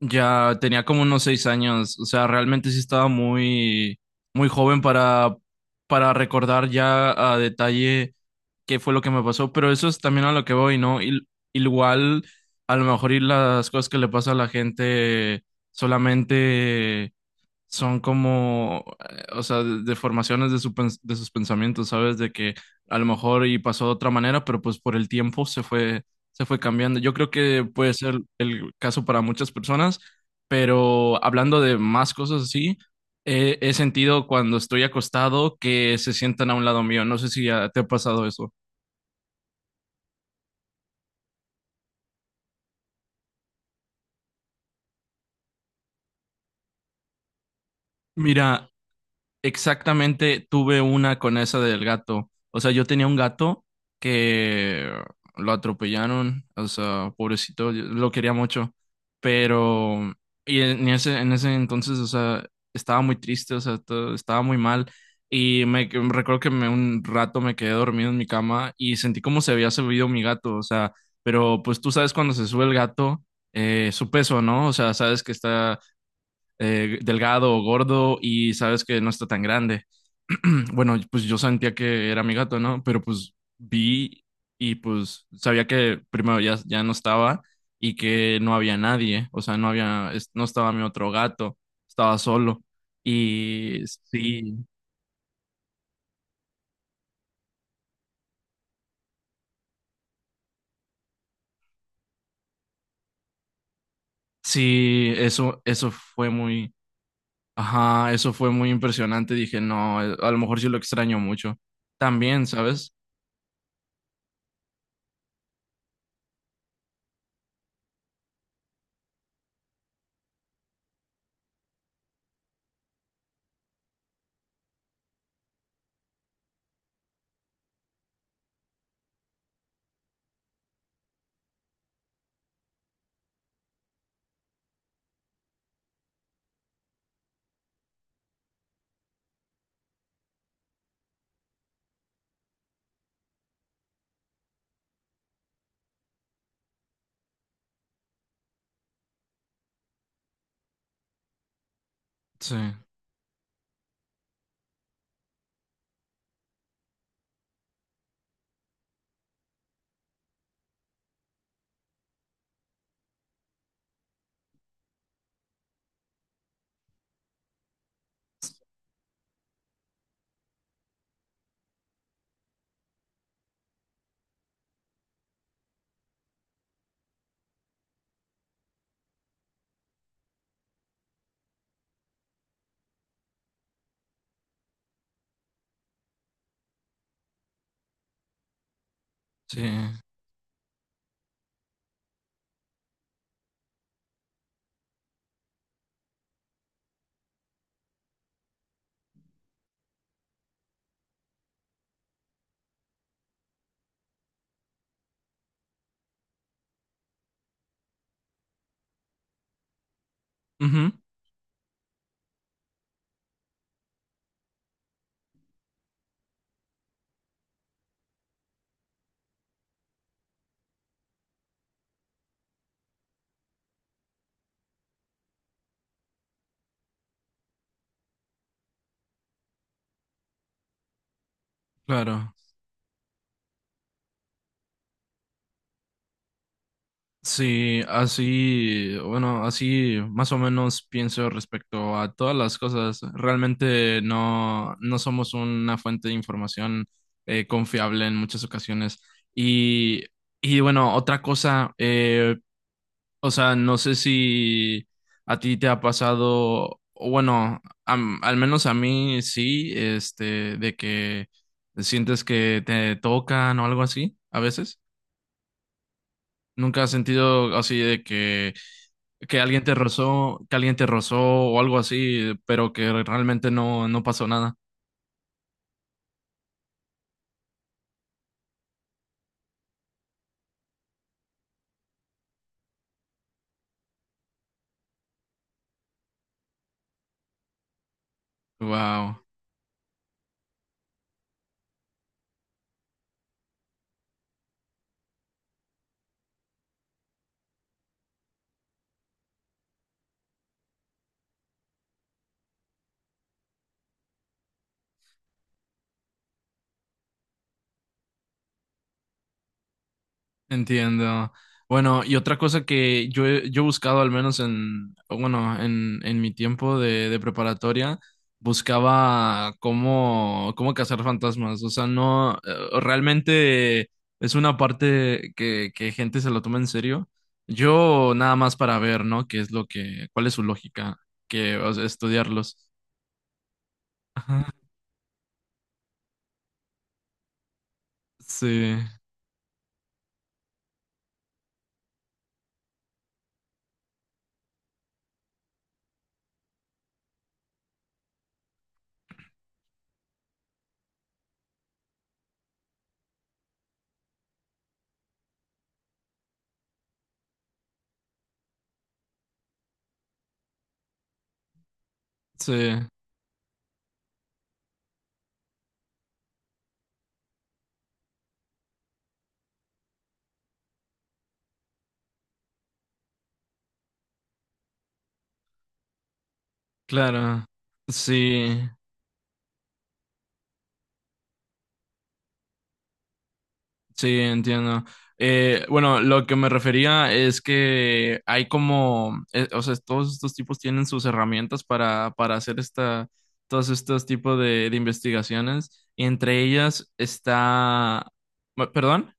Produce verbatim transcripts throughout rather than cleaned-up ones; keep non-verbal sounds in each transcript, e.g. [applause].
Ya tenía como unos seis años, o sea, realmente sí estaba muy, muy joven para, para recordar ya a detalle qué fue lo que me pasó, pero eso es también a lo que voy, ¿no? Il- igual, a lo mejor y las cosas que le pasa a la gente solamente son como, eh, o sea, de- deformaciones de, su pens- de sus pensamientos, ¿sabes? De que a lo mejor y pasó de otra manera, pero pues por el tiempo se fue, se fue cambiando. Yo creo que puede ser el caso para muchas personas, pero hablando de más cosas así, eh, he sentido cuando estoy acostado que se sientan a un lado mío. No sé si ya te ha pasado eso. Mira, exactamente, tuve una con esa del gato. O sea, yo tenía un gato que lo atropellaron, o sea, pobrecito, yo lo quería mucho, pero y en ese en ese entonces, o sea, estaba muy triste, o sea, to- estaba muy mal y me que- recuerdo que me, un rato me quedé dormido en mi cama y sentí como se había subido mi gato, o sea, pero pues tú sabes cuando se sube el gato, eh, su peso, ¿no? O sea, sabes que está eh, delgado o gordo y sabes que no está tan grande. [clears throat] Bueno, pues yo sentía que era mi gato, ¿no? Pero pues vi y pues sabía que primero ya, ya no estaba y que no había nadie, o sea, no había, es- no estaba mi otro gato, estaba solo. Y sí, sí, eso, eso fue muy, ajá, eso fue muy impresionante. Dije, no, eh, a lo mejor sí lo extraño mucho. También, ¿sabes? Sí, sí. Ujú, claro. Sí, así, bueno, así más o menos pienso respecto a todas las cosas. Realmente no, no somos una fuente de información, eh, confiable en muchas ocasiones. Y, y bueno, otra cosa, eh, o sea, no sé si a ti te ha pasado, o bueno, am- al menos a mí sí, este, de que sientes que te tocan o algo así a veces. ¿Nunca has sentido así de que, que alguien te rozó, que alguien te rozó o algo así, pero que realmente no, no pasó nada? Wow. Entiendo. Bueno, y otra cosa que yo he, yo he buscado, al menos en, bueno, en, en mi tiempo de, de preparatoria, buscaba cómo, cómo cazar fantasmas. O sea, no, eh, realmente es una parte que, que gente se lo toma en serio. Yo nada más para ver, ¿no? ¿Qué es lo que, cuál es su lógica, que, o sea, estudiarlos. Sí, sí, claro, sí. Sí, entiendo. Eh, bueno, lo que me refería es que hay como, eh, o sea, todos estos tipos tienen sus herramientas para, para hacer esta, todos estos tipos de, de investigaciones. Y entre ellas está, ma- ¿perdón?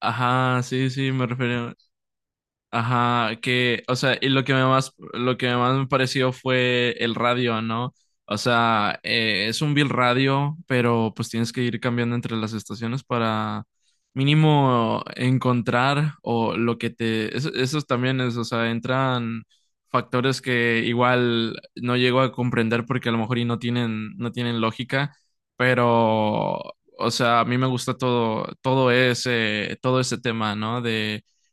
Ajá, sí, sí, me refería. Ajá, que, o sea, y lo que me más, lo que más me pareció fue el radio, ¿no? O sea, eh, es un bill radio, pero pues tienes que ir cambiando entre las estaciones para mínimo encontrar o lo que te, eso, esos también es, o sea, entran factores que igual no llego a comprender porque a lo mejor y no tienen, no tienen lógica, pero, o sea, a mí me gusta todo, todo ese, todo ese tema, ¿no?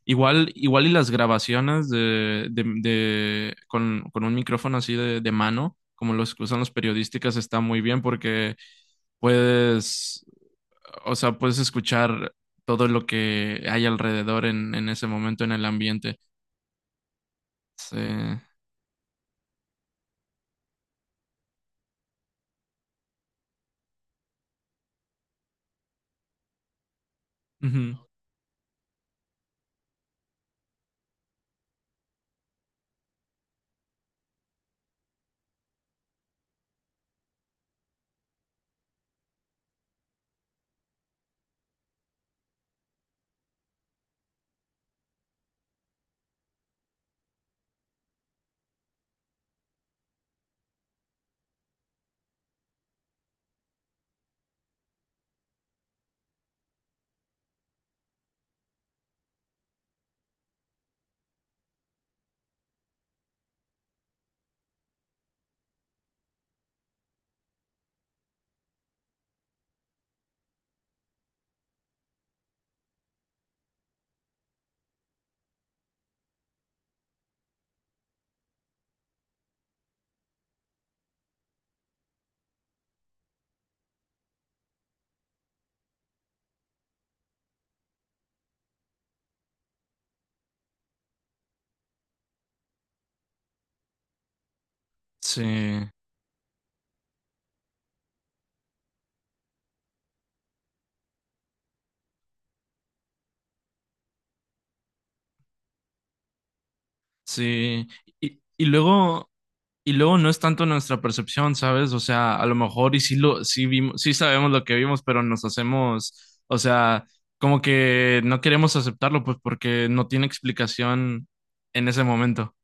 Igual, igual y las grabaciones de, de, de- con, con un micrófono así de, de mano, como los que usan los periodísticas, está muy bien porque puedes, o sea, puedes escuchar todo lo que hay alrededor en, en ese momento en el ambiente. Sí, ujú, sí, sí. Y, y luego, y luego no es tanto nuestra percepción, ¿sabes? O sea, a lo mejor y sí lo, sí vimos, sí sabemos lo que vimos, pero nos hacemos, o sea, como que no queremos aceptarlo, pues porque no tiene explicación en ese momento.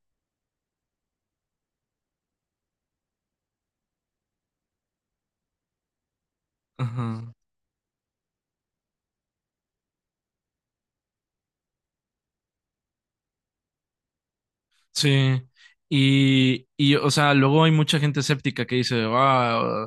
Ajá. Sí, y, y, o sea, luego hay mucha gente escéptica que dice, ah,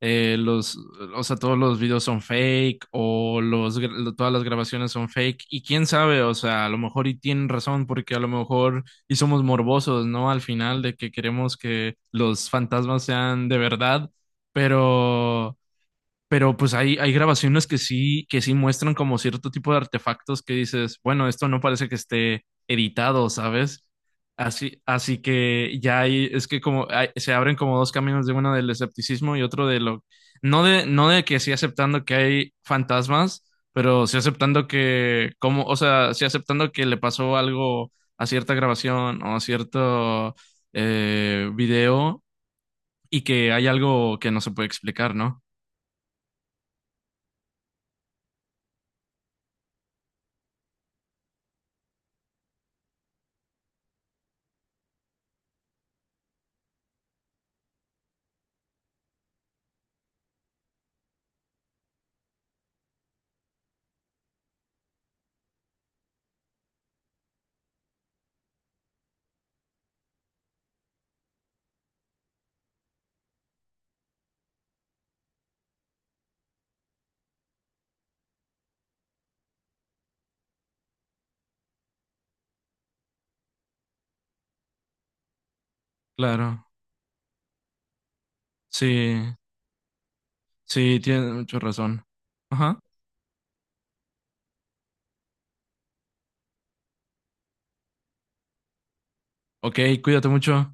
eh, los, o sea, todos los videos son fake o los, gra- lo- todas las grabaciones son fake y quién sabe, o sea, a lo mejor y tienen razón porque a lo mejor y somos morbosos, ¿no? Al final de que queremos que los fantasmas sean de verdad, pero pero pues hay, hay grabaciones que sí, que sí muestran como cierto tipo de artefactos que dices, bueno, esto no parece que esté editado, ¿sabes? Así, así que ya hay, es que como hay- se abren como dos caminos de uno del escepticismo y otro de lo, no de, no de que sí aceptando que hay fantasmas, pero sí aceptando que, como, o sea, sí aceptando que le pasó algo a cierta grabación o a cierto, eh, video y que hay algo que no se puede explicar, ¿no? Claro. Sí, sí, tienes mucha razón. Ajá. Ok, cuídate mucho.